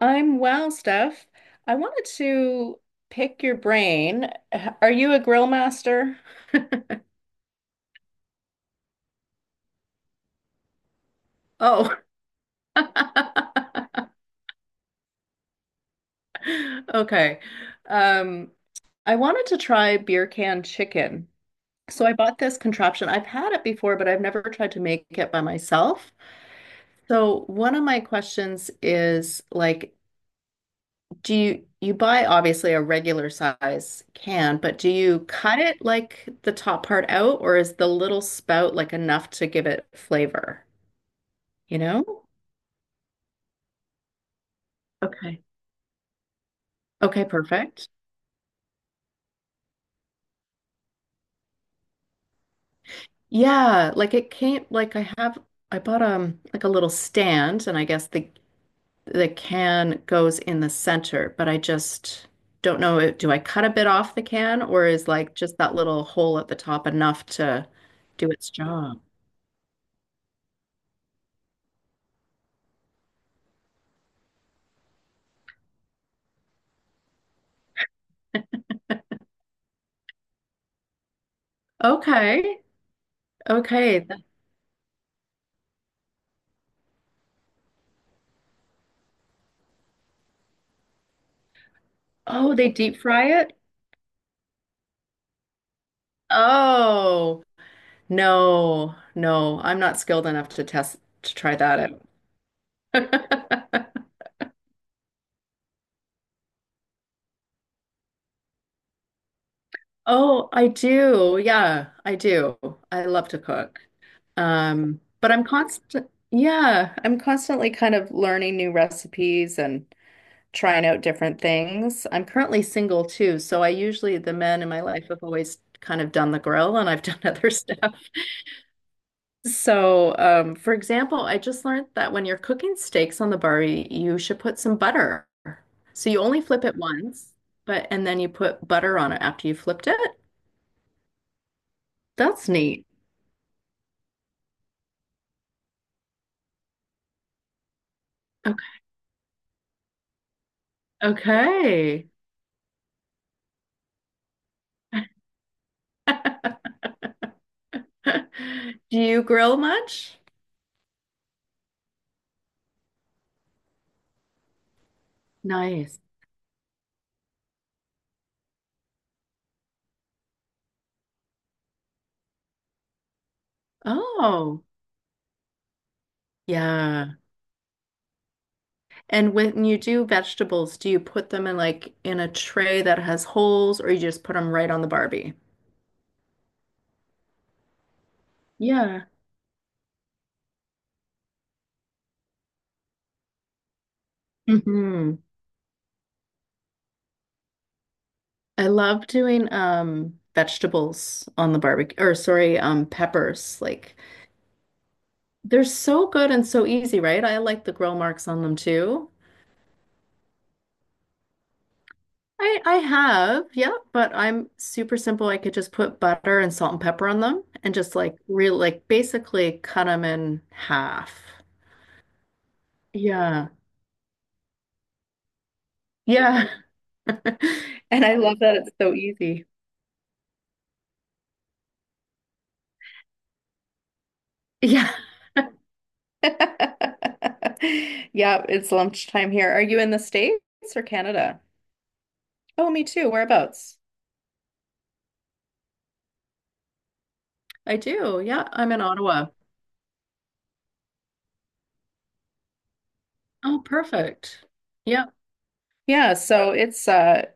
I'm well, Steph. I wanted to pick your brain. Are you a grill master? Oh, okay. Um, I wanted to try beer can chicken. So I bought this contraption. I've had it before, but I've never tried to make it by myself. So one of my questions is like, do you buy obviously a regular size can, but do you cut it like the top part out, or is the little spout like enough to give it flavor? You know? Okay. Okay, perfect. Yeah, like it came like I have I bought like a little stand and I guess the can goes in the center, but I just don't know it- do I cut a bit off the can or is like just that little hole at the top enough to do its job? Okay. Okay, oh, they deep fry it? Oh, no, no, I'm not skilled enough to test to try that out. Oh, I do. Yeah, I do. I love to cook. Yeah, I'm constantly kind of learning new recipes and trying out different things. I'm currently single too, so I usually, the men in my life have always kind of done the grill and I've done other stuff. So, for example, I just learned that when you're cooking steaks on the Barbie, you should put some butter. So you only flip it once, but and then you put butter on it after you flipped it. That's neat. Okay. Okay. Do you grill much? Nice. Oh, yeah. And when you do vegetables, do you put them in like in a tray that has holes or you just put them right on the Barbie? Yeah. hmm I love doing vegetables on the barbecue or sorry, peppers. Like they're so good and so easy, right? I like the grill marks on them too. I have, yeah, but I'm super simple. I could just put butter and salt and pepper on them and just like real like basically cut them in half. Yeah. Yeah. And I love that it's so easy. Yeah. Yeah, it's lunchtime here. Are you in the States or Canada? Oh, me too. Whereabouts? I do. Yeah, I'm in Ottawa. Oh, perfect. Yeah. Yeah, so it's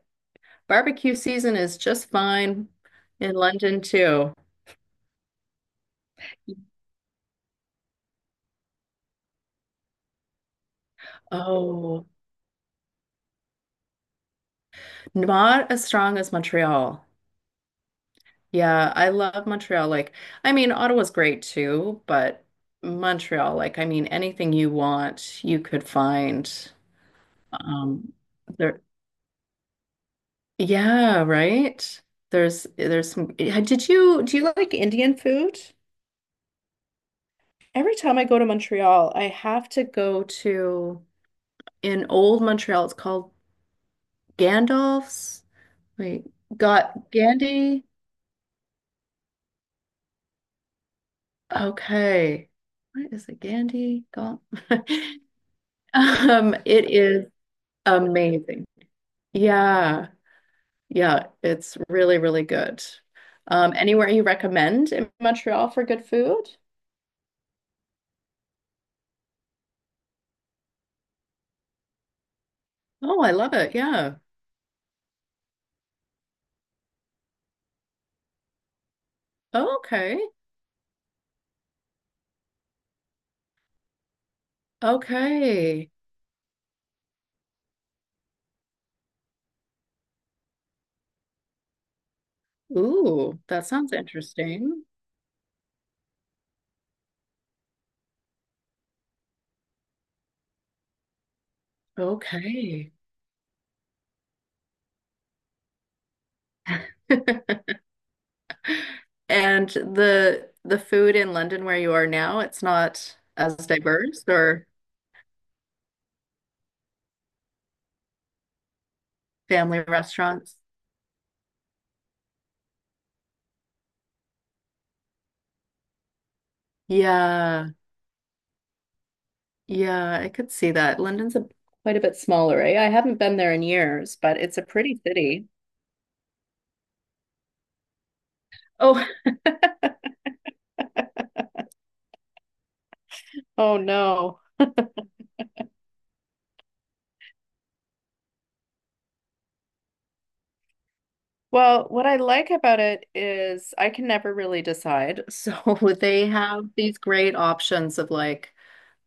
Barbecue season is just fine in London too. Oh, not as strong as Montreal. Yeah, I love Montreal. Like, I mean, Ottawa's great too, but Montreal, like, I mean, anything you want, you could find. Um, there, yeah, right. There's some. Did you do you like Indian food? Every time I go to Montreal, I have to go to in old Montreal. It's called Gandalf's. Wait, got Gandhi? Okay. What is it? Gandhi? Gal- it is amazing. Yeah. Yeah, it's really, really good. Anywhere you recommend in Montreal for good food? Oh, I love it. Yeah. Oh, okay. Okay. Ooh, that sounds interesting. Okay. And the food in London where you are now, it's not as diverse or family restaurants. Yeah, yeah, I could see that. London's a quite a bit smaller, eh? I haven't been there in years, but it's a pretty city. Oh, oh no. Well, what I like about it is I can never really decide. So they have these great options of like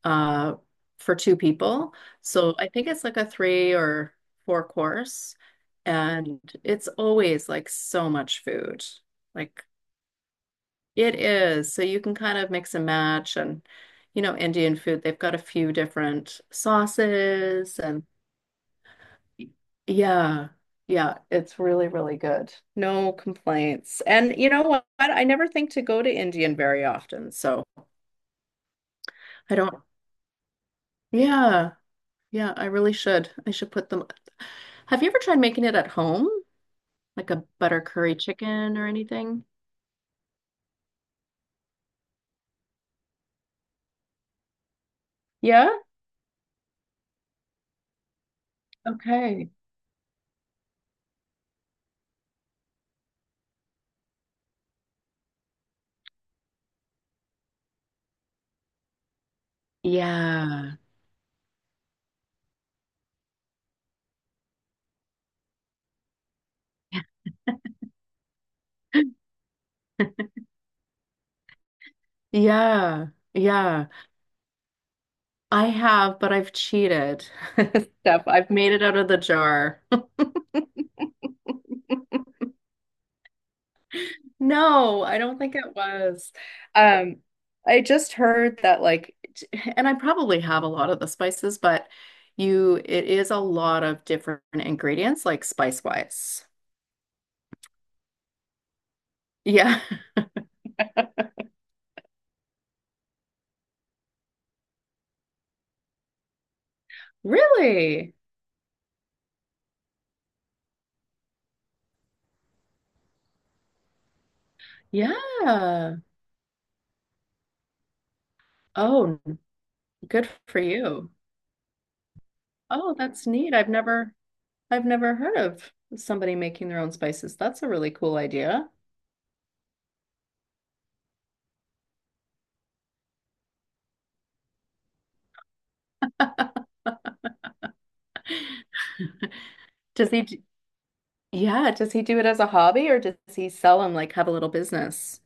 uh, for two people. So I think it's like a three or four course, and it's always like so much food. Like it is. So you can kind of mix and match and you know, Indian food, they've got a few different sauces and yeah. Yeah, it's really, really good. No complaints. And you know what? I never think to go to Indian very often, so I don't. Yeah. Yeah, I really should. I should put them. Have you ever tried making it at home? Like a butter curry chicken or anything? Yeah? Okay. Yeah. Yeah. Yeah. I have, but I've cheated. Steph, I've made it out of the jar. No, I don't think it was. Um, I just heard that like, t- and I probably have a lot of the spices, but you, it is a lot of different ingredients, like spice wise. Yeah. Really? Yeah. Oh, good for you. Oh, that's neat. I've never heard of somebody making their own spices. That's a really cool idea. Does he, d- yeah, does he do it as a hobby or does he sell and like have a little business?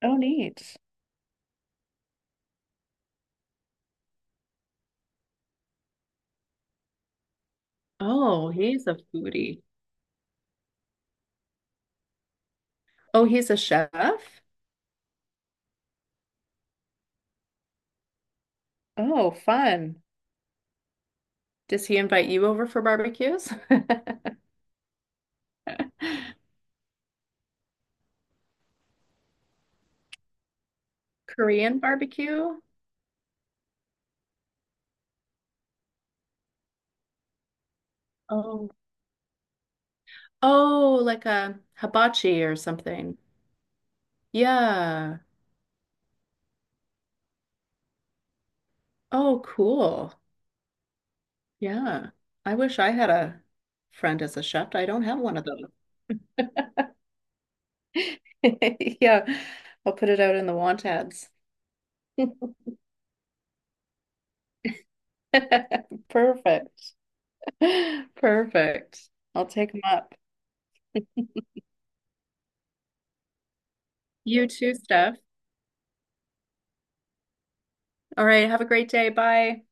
Oh, neat. Oh, he's a foodie. Oh, he's a chef? Oh, fun. Does he invite you over for barbecues? Korean barbecue? Oh, oh, like a hibachi or something. Yeah. Oh, cool. Yeah. I wish I had a friend as a chef. I don't have one of those. Yeah. I'll put it out in the want ads. Perfect. Perfect. I'll take them up. You too, Steph. All right. Have a great day. Bye.